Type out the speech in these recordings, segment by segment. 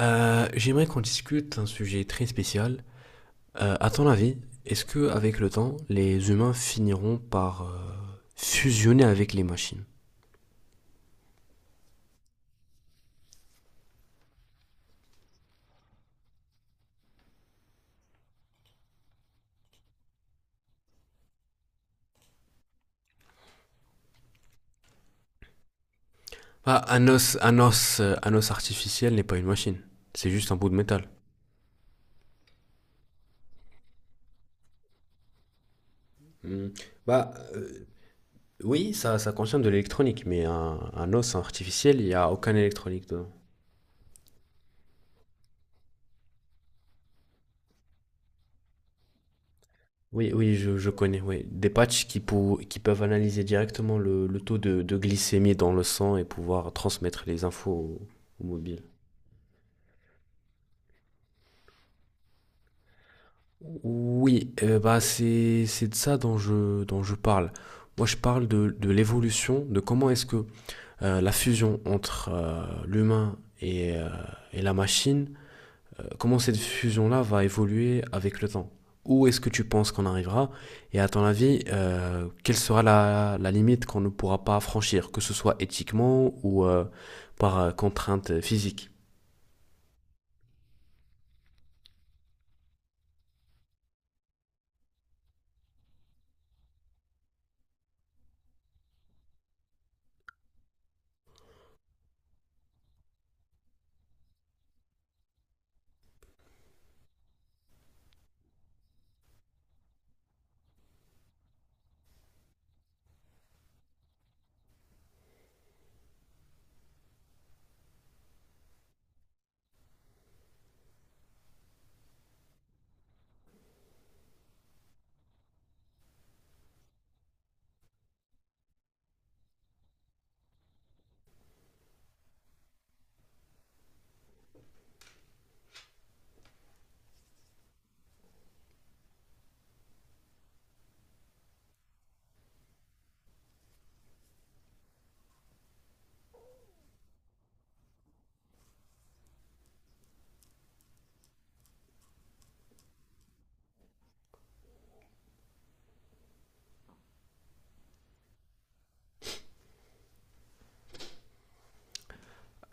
J'aimerais qu'on discute d'un sujet très spécial. À ton avis, est-ce que avec le temps, les humains finiront par fusionner avec les machines? Bah, un os, un os artificiel n'est pas une machine. C'est juste un bout de métal. Hmm. Bah, oui, ça contient de l'électronique, mais un os artificiel, il n'y a aucun électronique dedans. Oui, oui, je connais, oui. Des patchs qui, qui peuvent analyser directement le taux de glycémie dans le sang et pouvoir transmettre les infos au, au mobile. Oui, bah c'est de ça dont je dont je parle. Moi, je parle de l'évolution, de comment est-ce que la fusion entre l'humain et la machine, comment cette fusion-là va évoluer avec le temps. Où est-ce que tu penses qu'on arrivera? Et à ton avis, quelle sera la la limite qu'on ne pourra pas franchir, que ce soit éthiquement ou par contrainte physique?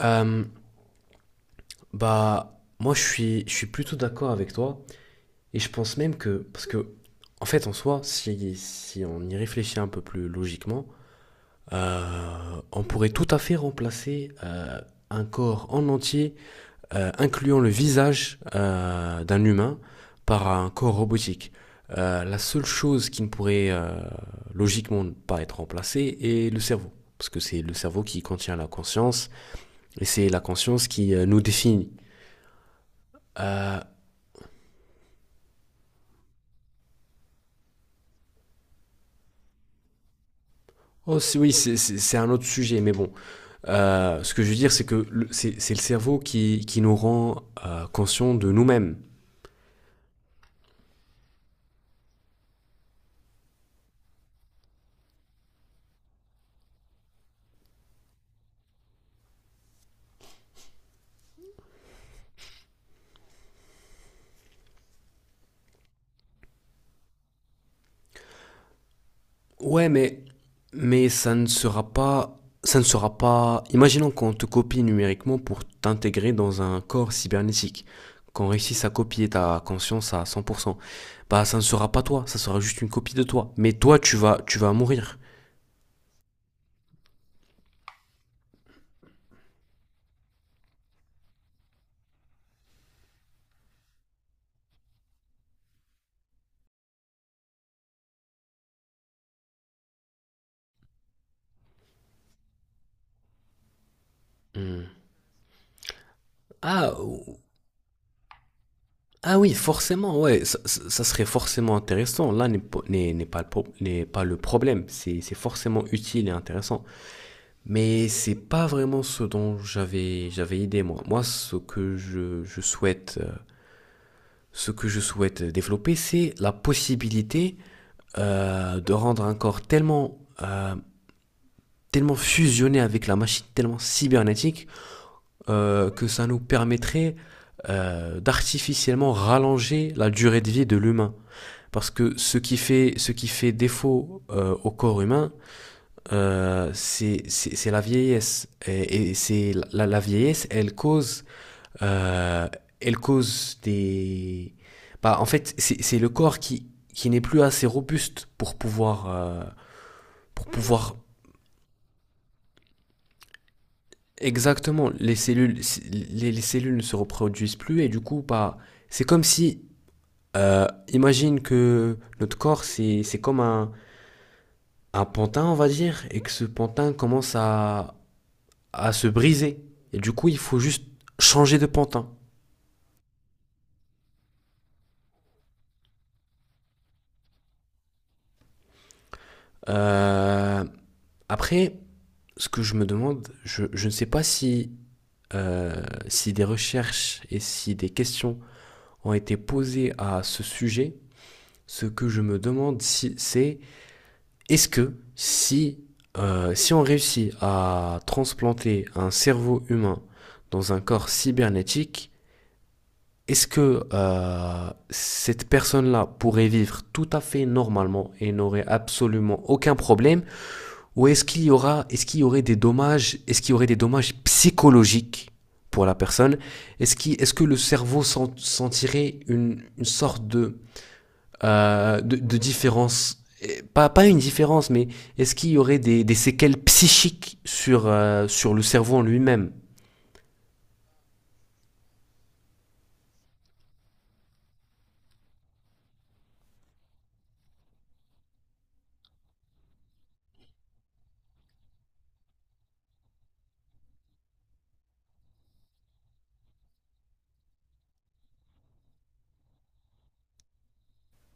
Euh, Bah moi, je suis plutôt d'accord avec toi. Et je pense même que, parce que, en fait, en soi, si on y réfléchit un peu plus logiquement, on pourrait tout à fait remplacer un corps en entier, incluant le visage d'un humain, par un corps robotique. La seule chose qui ne pourrait logiquement pas être remplacée est le cerveau, parce que c'est le cerveau qui contient la conscience, et c'est la conscience qui nous définit. Oh, oui, c'est un autre sujet, mais bon. Ce que je veux dire, c'est que c'est le cerveau qui nous rend conscients de nous-mêmes. Ouais, mais ça ne sera pas. Ça ne sera pas. Imaginons qu'on te copie numériquement pour t'intégrer dans un corps cybernétique. Qu'on réussisse à copier ta conscience à cent pour cent. Bah, ça ne sera pas toi, ça sera juste une copie de toi. Mais toi, tu vas mourir. Hmm. Ah, ah oui, forcément, ouais, ça serait forcément intéressant. Là n'est po- n'est- N'est pas, n'est pas le problème, c'est forcément utile et intéressant. Mais c'est pas vraiment ce dont j'avais idée moi. Moi, ce que je souhaite ce que je souhaite développer, c'est la possibilité de rendre un corps tellement tellement fusionné avec la machine, tellement cybernétique que ça nous permettrait d'artificiellement rallonger la durée de vie de l'humain. Parce que ce qui fait défaut au corps humain, c'est c'est la vieillesse. Et c'est la vieillesse, euh, elle cause des. Bah, en fait, c'est le corps qui n'est plus assez robuste pour pouvoir, pour pouvoir. Exactement, les cellules, les cellules ne se reproduisent plus et du coup, bah, c'est comme si. Imagine que notre corps, c'est comme un pantin, on va dire, et que ce pantin commence à se briser. Et du coup, il faut juste changer de pantin. Euh, Après, ce que je me demande, je ne sais pas si, si des recherches et si des questions ont été posées à ce sujet. Ce que je me demande, si, c'est est-ce que si, si on réussit à transplanter un cerveau humain dans un corps cybernétique, est-ce que cette personne-là pourrait vivre tout à fait normalement et n'aurait absolument aucun problème? Ou est-ce qu'il y aura, est-ce qu'il y aurait des dommages, est-ce qu'il y aurait des dommages psychologiques pour la personne? Est-ce que le cerveau sentirait une sorte de, de différence? Eh, pas, pas une différence, mais est-ce qu'il y aurait des séquelles psychiques sur, sur le cerveau en lui-même?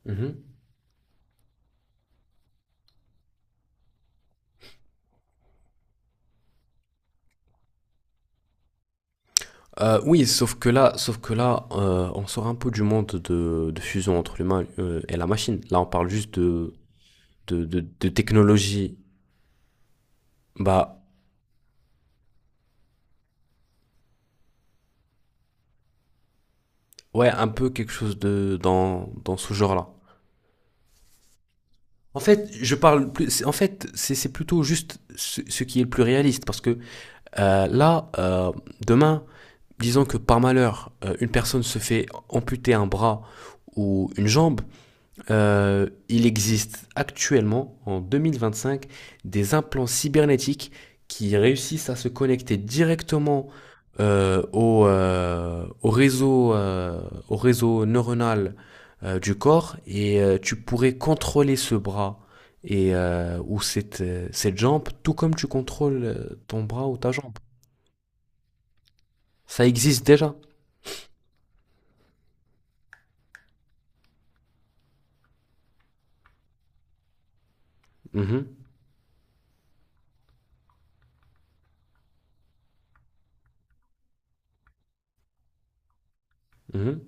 Mhm. Oui, sauf que là, on sort un peu du monde de fusion entre l'humain et la machine. Là, on parle juste de technologie. Bah, ouais, un peu quelque chose de dans, dans ce genre-là. En fait, je parle plus. En fait, c'est plutôt juste ce, ce qui est le plus réaliste, parce que euh, là, euh, demain, disons que par malheur, une personne se fait amputer un bras ou une jambe. Il existe actuellement, en 2025, des implants cybernétiques qui réussissent à se connecter directement euh, au, euh, au réseau, euh, au réseau neuronal du corps et tu pourrais contrôler ce bras et, ou cette, cette jambe tout comme tu contrôles ton bras ou ta jambe. Ça existe déjà. Mhm, mhm.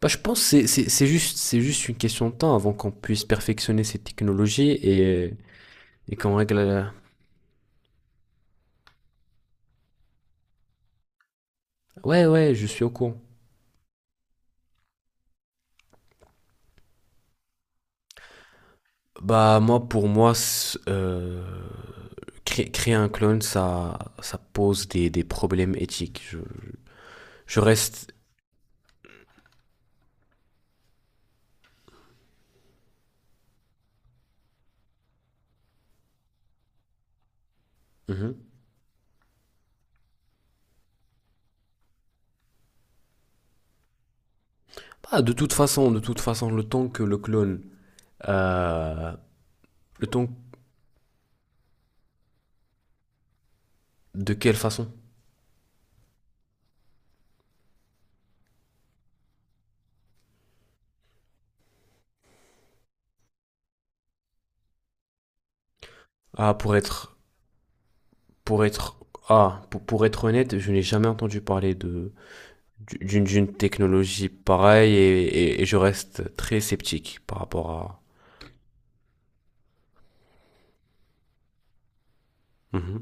Bah, je pense que c'est c'est juste une question de temps avant qu'on puisse perfectionner ces technologies et qu'on règle la- Ouais, ouais, je suis au courant. Bah, moi, pour moi, c'est, créer un clone, ça pose des problèmes éthiques. Je reste... Mhm. Bah, de toute façon, le temps que le clone... euh, le temps de quelle façon? Ah, pour être... Pour être... Ah, pour être honnête, je n'ai jamais entendu parler de d'une technologie pareille et je reste très sceptique par rapport à. Mhm.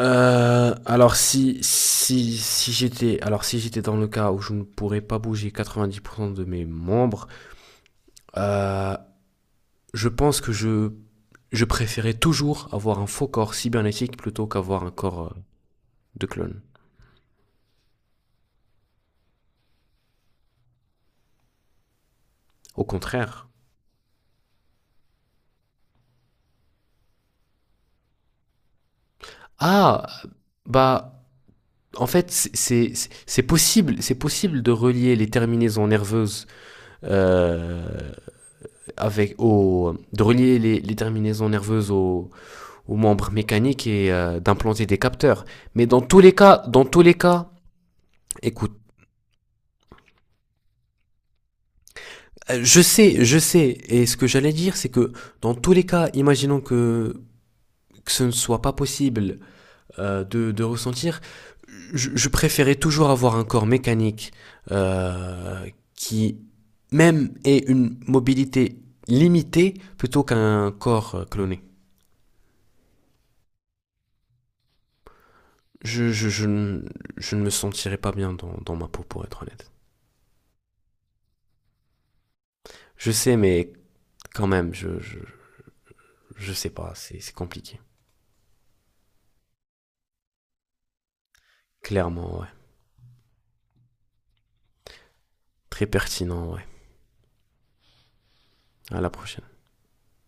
Alors si j'étais si j'étais dans le cas où je ne pourrais pas bouger 90% de mes membres, euh, je pense que je préférais toujours avoir un faux corps cybernétique plutôt qu'avoir un corps de clone. Au contraire. Ah bah en fait c'est c'est possible de relier les terminaisons nerveuses euh, de relier les terminaisons nerveuses aux, aux membres mécaniques et d'implanter des capteurs. Mais dans tous les cas, dans tous les cas, écoute, je sais, et ce que j'allais dire, c'est que dans tous les cas, imaginons que ce ne soit pas possible de ressentir, je préférais toujours avoir un corps mécanique euh, qui même ait une mobilité limitée plutôt qu'un corps cloné. je, je, je, ne- je ne me sentirais pas bien dans, dans ma peau, pour être honnête. Je sais, mais quand même, je sais pas, c'est compliqué. Clairement, ouais. Très pertinent, ouais. À la prochaine.